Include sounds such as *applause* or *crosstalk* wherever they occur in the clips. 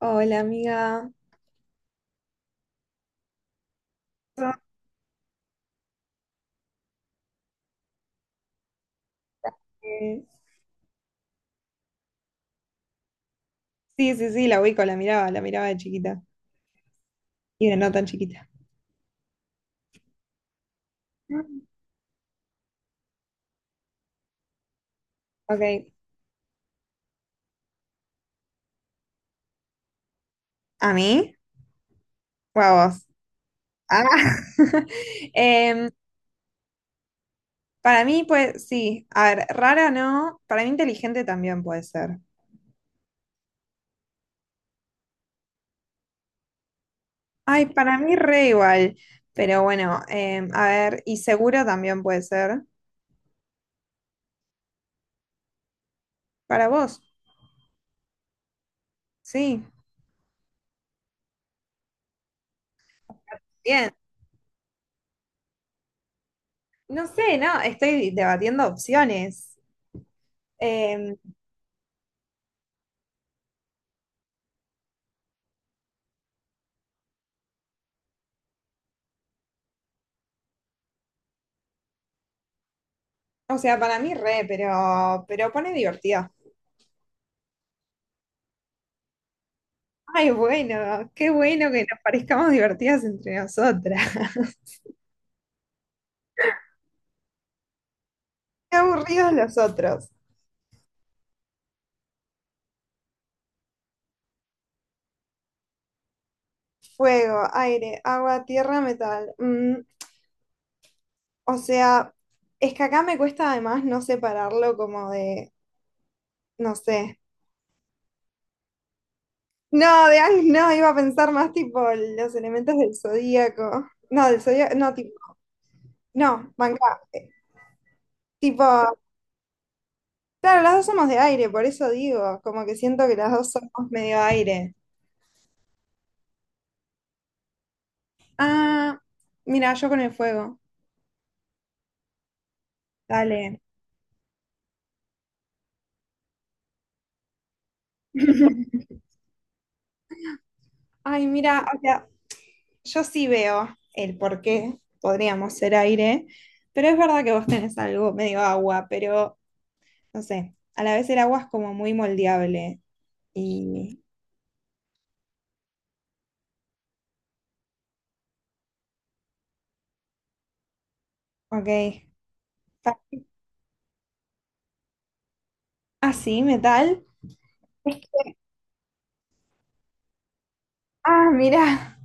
Hola, amiga. ¿Cómo estás? Sí, sí, sí, la ubico, la miraba de chiquita. Y de no tan chiquita. Ok. ¿A mí? ¿O a vos? Ah. *laughs* Em, para mí, pues, sí. A ver, rara no. Para mí inteligente también puede ser. Ay, para mí re igual. Pero bueno, a ver, y seguro también puede ser. Para vos, sí. Bien. No sé, no, estoy debatiendo opciones. Em, O sea, para mí re, pero pone divertido. Ay, bueno, qué bueno que nos parezcamos divertidas entre nosotras. *laughs* Qué aburridos los otros. Fuego, aire, agua, tierra, metal. O sea, es que acá me cuesta además no separarlo como de, no sé. No, de Ang, no, iba a pensar más tipo los elementos del zodíaco. No, del zodíaco, no, tipo, no, banca. Tipo, Claro, las dos somos de aire, por eso digo, como que siento que las dos somos medio aire. Ah, mira, yo con el fuego. Dale. Ay, mira, o sea, yo sí veo el por qué podríamos ser aire, pero es verdad que vos tenés algo medio agua, pero no sé, a la vez el agua es como muy moldeable. Y, ok. Ah, sí, metal. Ah, mira.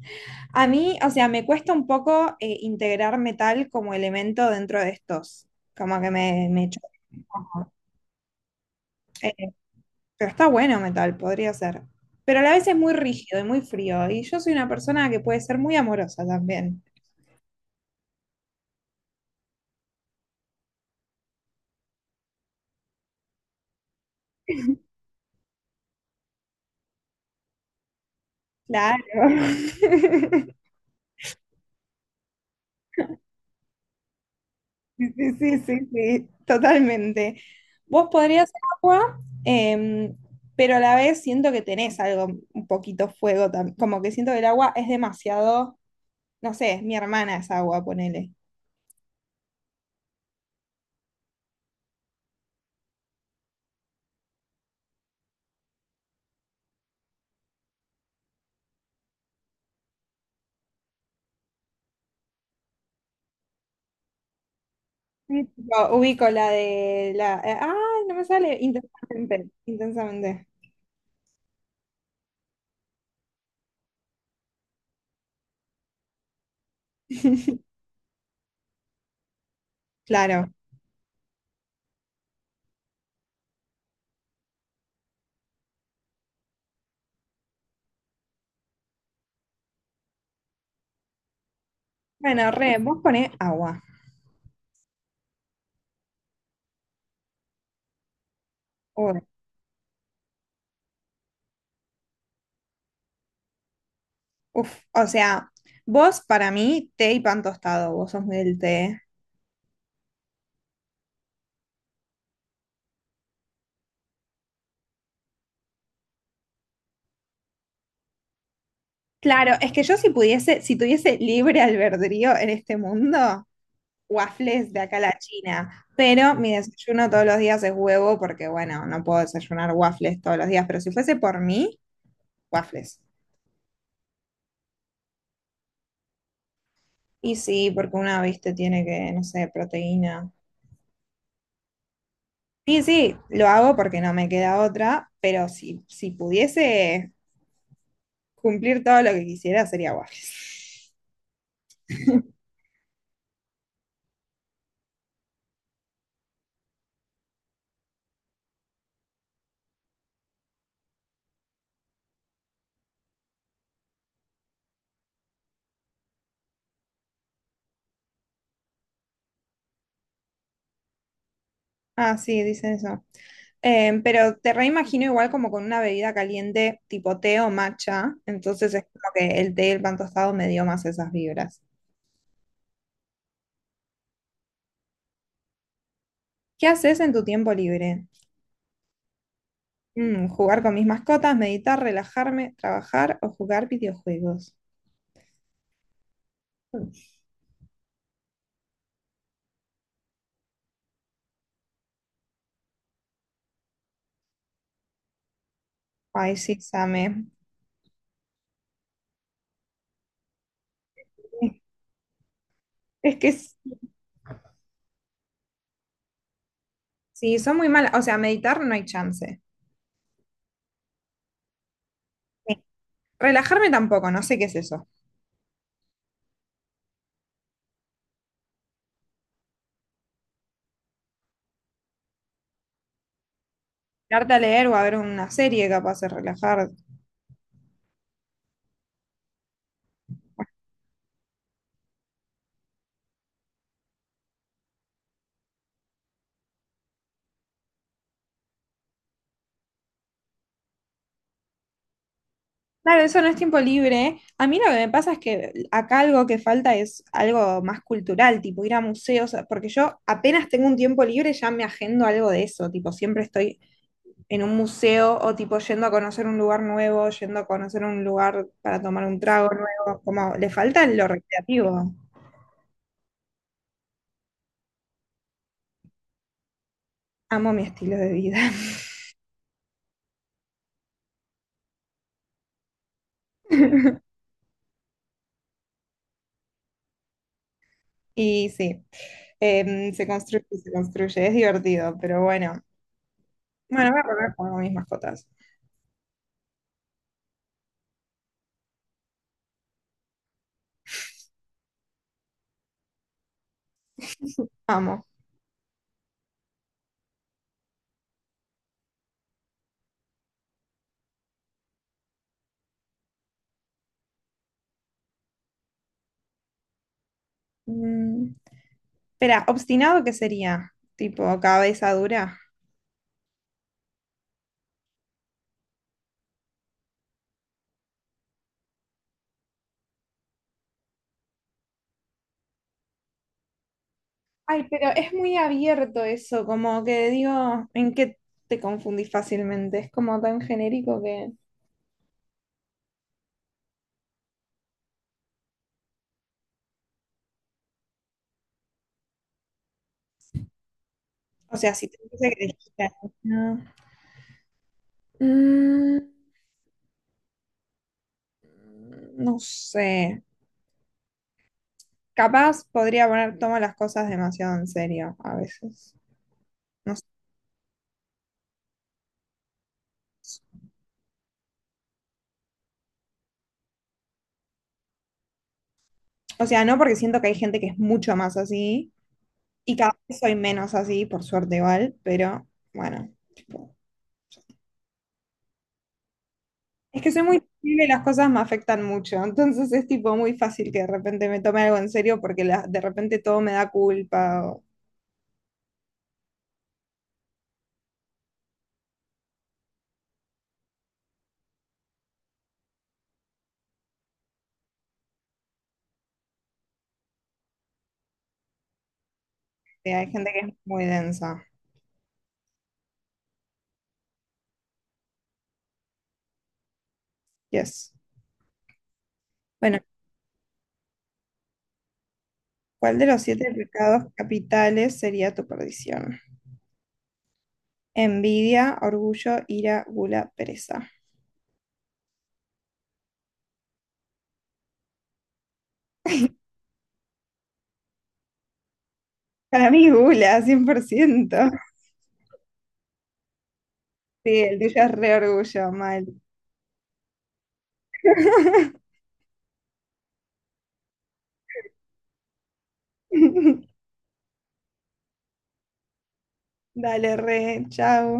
A mí, o sea, me cuesta un poco integrar metal como elemento dentro de estos, como que me choca un poco. Eh, pero está bueno metal, podría ser. Pero a la vez es muy rígido y muy frío, y yo soy una persona que puede ser muy amorosa también. Claro. *laughs* Sí, sí, sí, sí, totalmente. Vos podrías ser agua, pero a la vez siento que tenés algo, un poquito fuego también, como que siento que el agua es demasiado, no sé, mi hermana es agua, ponele. Sí, tipo, ubico la de la. No me sale. Intensamente. Intensamente. *laughs* Claro. Bueno, re, vos ponés agua. Uy, uf. O sea, vos para mí, té y pan tostado. Vos sos muy del té. Claro, es que yo si pudiese, si tuviese libre albedrío en este mundo. Waffles de acá a la China, pero mi desayuno todos los días es huevo porque, bueno, no puedo desayunar waffles todos los días, pero si fuese por mí, waffles. Y sí, porque una, viste, tiene que, no sé, proteína. Sí, sí, lo hago porque no me queda otra, pero si pudiese cumplir todo lo que quisiera sería waffles. *laughs* Ah, sí, dicen eso. Pero te reimagino igual como con una bebida caliente tipo té o matcha, entonces es como que el té y el pan tostado me dio más esas vibras. ¿Qué haces en tu tiempo libre? Jugar con mis mascotas, meditar, relajarme, trabajar o jugar videojuegos. Mm. Ay, sí, Same. Es que sí, son muy malas. O sea, meditar no hay chance. Sí. Relajarme tampoco, no sé qué es eso. Darte a leer o a ver una serie capaz de relajar. Claro, eso no es tiempo libre. A mí lo que me pasa es que acá algo que falta es algo más cultural, tipo ir a museos, porque yo apenas tengo un tiempo libre ya me agendo algo de eso, tipo siempre estoy en un museo o tipo yendo a conocer un lugar nuevo, yendo a conocer un lugar para tomar un trago nuevo, como le falta lo recreativo. Amo mi estilo de vida. *laughs* Y sí, se construye, y se construye, es divertido, pero bueno. Bueno, voy a volver con mis mascotas. Amo. Mm. Espera, obstinado, ¿qué sería? Tipo, cabeza dura. Ay, pero es muy abierto eso, como que digo, ¿en qué te confundís fácilmente? Es como tan genérico que... O sea, si te dice que dijiste, no. Mm, no sé. Capaz podría poner, tomo las cosas demasiado en serio a veces. No sé. O sea, no porque siento que hay gente que es mucho más así y cada vez soy menos así, por suerte igual, pero bueno. Es que soy muy sensible y las cosas me afectan mucho, entonces es tipo muy fácil que de repente me tome algo en serio porque de repente todo me da culpa o hay gente que es muy densa. Yes. Bueno, ¿cuál de los siete pecados capitales sería tu perdición? Envidia, orgullo, ira, gula, pereza. Para mí gula, 100%. Sí, el tuyo es re orgullo, mal. *laughs* Dale, re, chao.